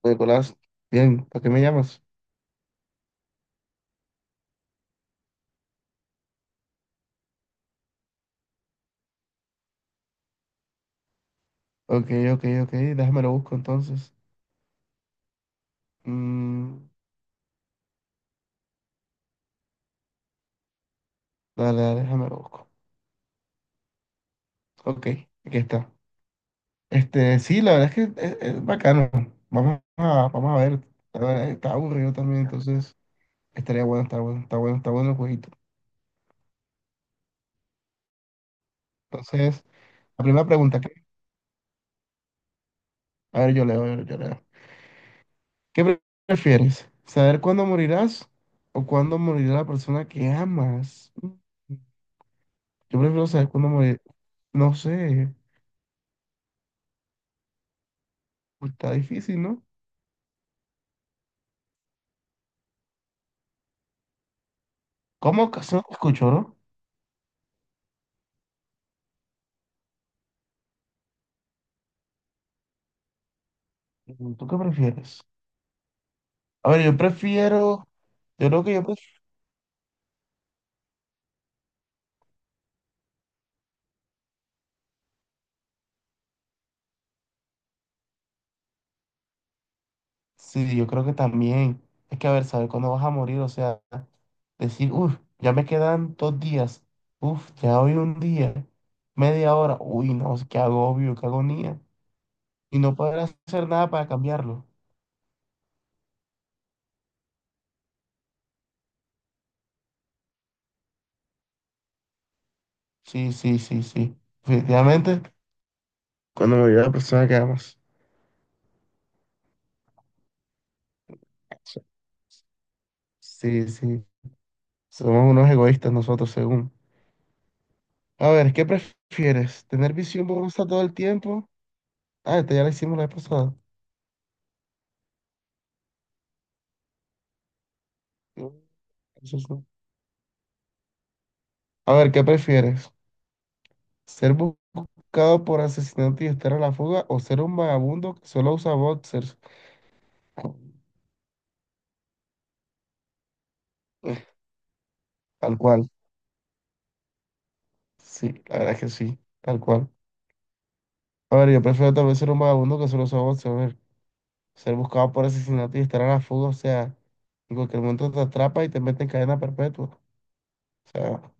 Pues, Nicolás, bien, ¿para qué me llamas? Ok, ok, ok, déjame lo busco entonces. Mm, dale, dale, déjame lo busco. Ok, aquí está. Este, sí, la verdad es que es bacano. Vamos a ver. La verdad, está aburrido también, entonces estaría bueno, está bueno, está bueno, está bueno el jueguito. Entonces, la primera pregunta que... A ver, yo leo, yo leo. ¿Qué prefieres? ¿Saber cuándo morirás o cuándo morirá la persona que amas? Yo prefiero saber cuándo morir. No sé. Uy, está difícil, ¿no? ¿Cómo ocasión escucho, no? ¿Tú qué prefieres? A ver, yo prefiero. Yo creo que yo prefiero. Sí, yo creo que también. Es que, a ver, saber cuándo vas a morir, o sea, decir, ya me quedan 2 días. Ya hoy un día. Media hora. Uy, no, qué agobio, qué agonía. Y no poder hacer nada para cambiarlo. Sí, sí, sí, sí. Definitivamente, cuando me la persona que amas. Sí, sí. Somos unos egoístas nosotros, según. A ver, ¿qué prefieres? ¿Tener visión borrosa todo el tiempo? Ah, esta ya la hicimos la vez pasada. Mm, eso es un- A ver, ¿qué prefieres? ¿Ser buscado por asesinato y estar a la fuga o ser un vagabundo que solo usa boxers? Eh, Tal cual. Sí, la verdad es que sí, tal cual. A ver, yo prefiero también ser un vagabundo que solo usa boxers. A ver, ser buscado por asesinato y estar a la fuga, o sea, en cualquier momento te atrapa y te mete en cadena perpetua. O sea,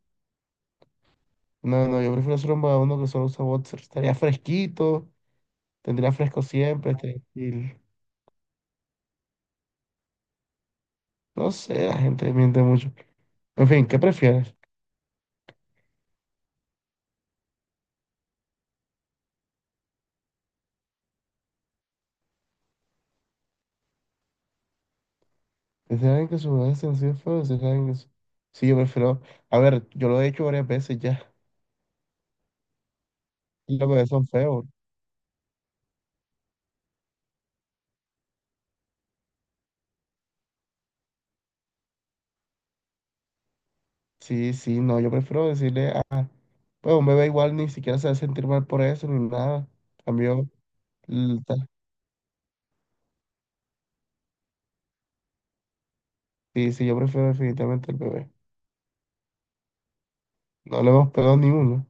no, no, yo prefiero ser un vagabundo que solo usa boxers. Estaría fresquito. Tendrá fresco siempre, tranquilo. No sé, la gente miente mucho. En fin, ¿qué prefieres? ¿Decir a alguien que su bebé es sencillo feo? ¿Decir a alguien que su- Sí, yo prefiero... A ver, yo lo he hecho varias veces ya. Y los bebés son feos. Sí, sí, no, yo prefiero decirle a... Pues un bebé igual ni siquiera se va a sentir mal por eso ni nada. Cambio... l- ta- Sí, sí, yo prefiero definitivamente el bebé. No le hemos pegado ni uno.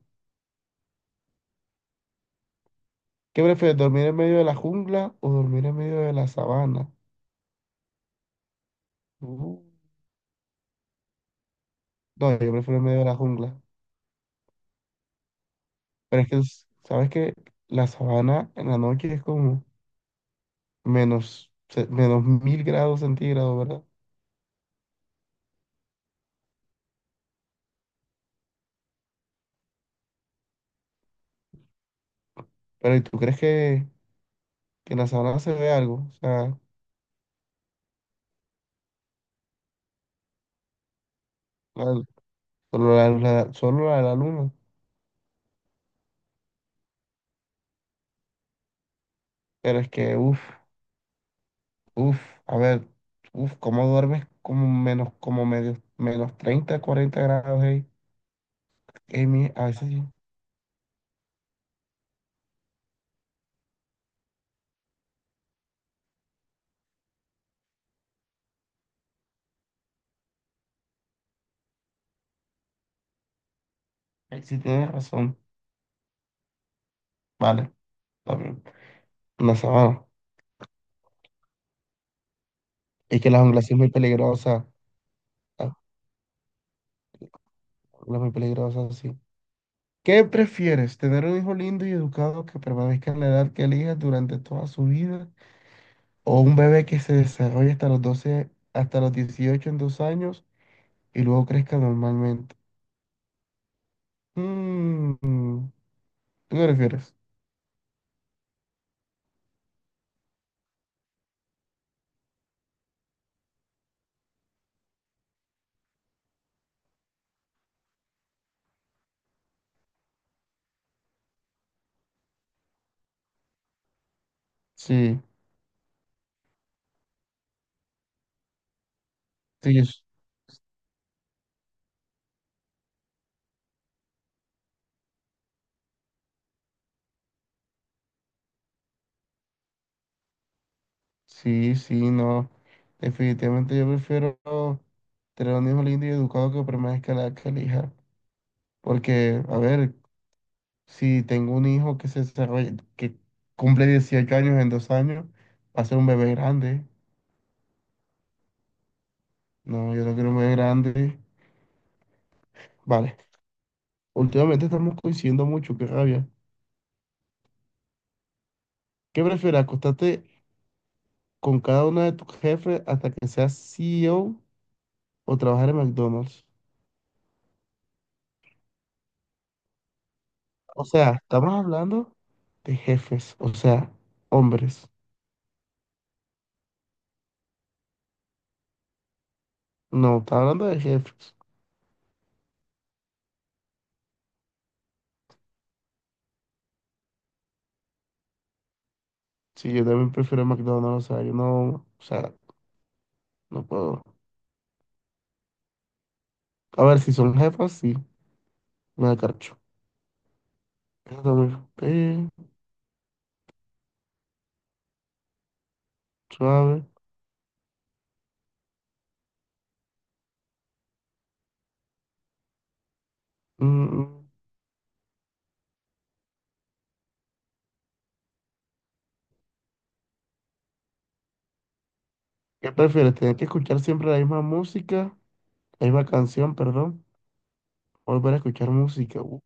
¿Qué prefieres, dormir en medio de la jungla o dormir en medio de la sabana? Uh, No, yo prefiero en medio de la jungla. Pero es que, ¿sabes que la sabana en la noche es como menos, menos mil grados centígrados, ¿verdad? Pero ¿y tú crees que en la sabana se ve algo? O sea, la- solo solo la de la luna. Pero es que, uff, a ver, ¿cómo duermes como menos, como medio, menos 30 40 grados, hey? Ey, a veces sí, sí tienes razón. Vale, también. En la sabana. Es que la jungla sí es muy peligrosa. La jungla es muy peligrosa, sí. ¿Qué prefieres, tener un hijo lindo y educado que permanezca en la edad que elijas durante toda su vida o un bebé que se desarrolle hasta los 12, hasta los 18, en 2 años y luego crezca normalmente? Mm, ¿Tú qué prefieres? Sí, sí, sí, sí, no. Definitivamente yo prefiero tener un hijo lindo y educado que permanezca en la edad que elija. Porque, a ver, si tengo un hijo que se desarrolla, que cumple 18 años en 2 años, va a ser un bebé grande. No, yo no quiero un bebé grande. Vale, últimamente estamos coincidiendo mucho, qué rabia. ¿Qué prefieres, acostarte con cada uno de tus jefes hasta que seas CEO o trabajar en McDonald's? O sea, estamos hablando de jefes, o sea, hombres. No, está hablando de jefes. Sí, yo también prefiero McDonald's, o sea, yo no, o sea, no puedo. A ver, si son jefas, sí, me da carcho. Eso también, suave. Mm, mm. ¿Qué prefieres? ¿Tener que escuchar siempre la misma música, la misma canción, perdón? Volver a escuchar música.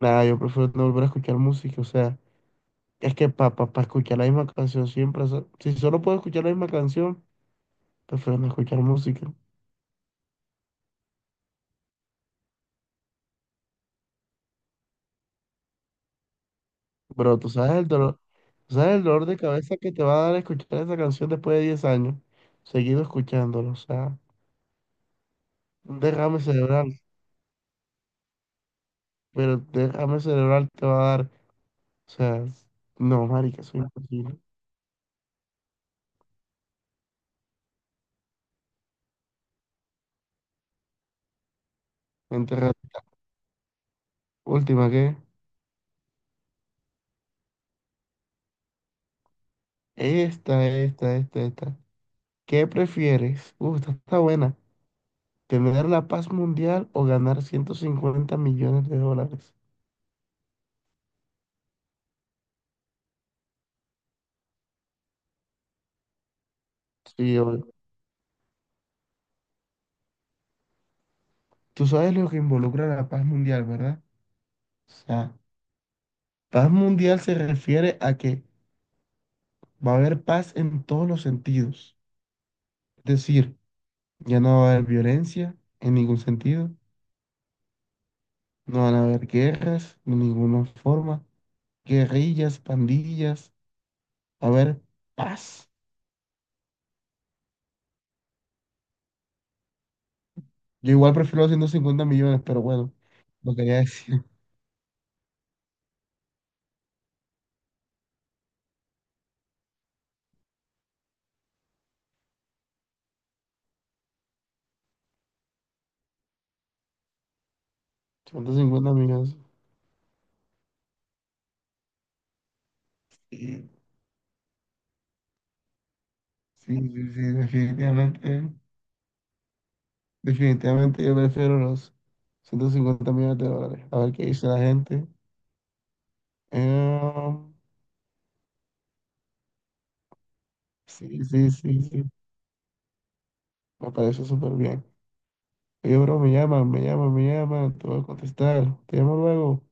Nada, yo prefiero no volver a escuchar música. O sea, es que para escuchar la misma canción siempre, o sea, si solo puedo escuchar la misma canción, prefiero no escuchar música. Pero tú sabes el dolor, tú sabes el dolor de cabeza que te va a dar escuchar esa canción después de 10 años, seguido escuchándolo. O sea, un derrame cerebral, pero derrame cerebral te va a dar. O sea, no, marica, eso es imposible. Enterrar. Última, ¿qué? Esta, esta, esta, esta. ¿Qué prefieres? Esta está buena. ¿Tener la paz mundial o ganar $150 millones? Sí, obvio. Tú sabes lo que involucra la paz mundial, ¿verdad? O sea, paz mundial se refiere a que va a haber paz en todos los sentidos. Es decir, ya no va a haber violencia en ningún sentido, no van a haber guerras de ninguna forma, guerrillas, pandillas. A ver, paz. Yo igual prefiero los 150 millones, pero bueno, lo quería decir. 150 millones. Sí, sí, sí, sí, definitivamente. Definitivamente yo prefiero los $150 millones. A ver qué dice la gente. Eh, sí, sí, sí, sí. Me parece súper bien. Oye, bro, me llaman, me llaman, me llaman. Te voy a contestar. Te llamo luego.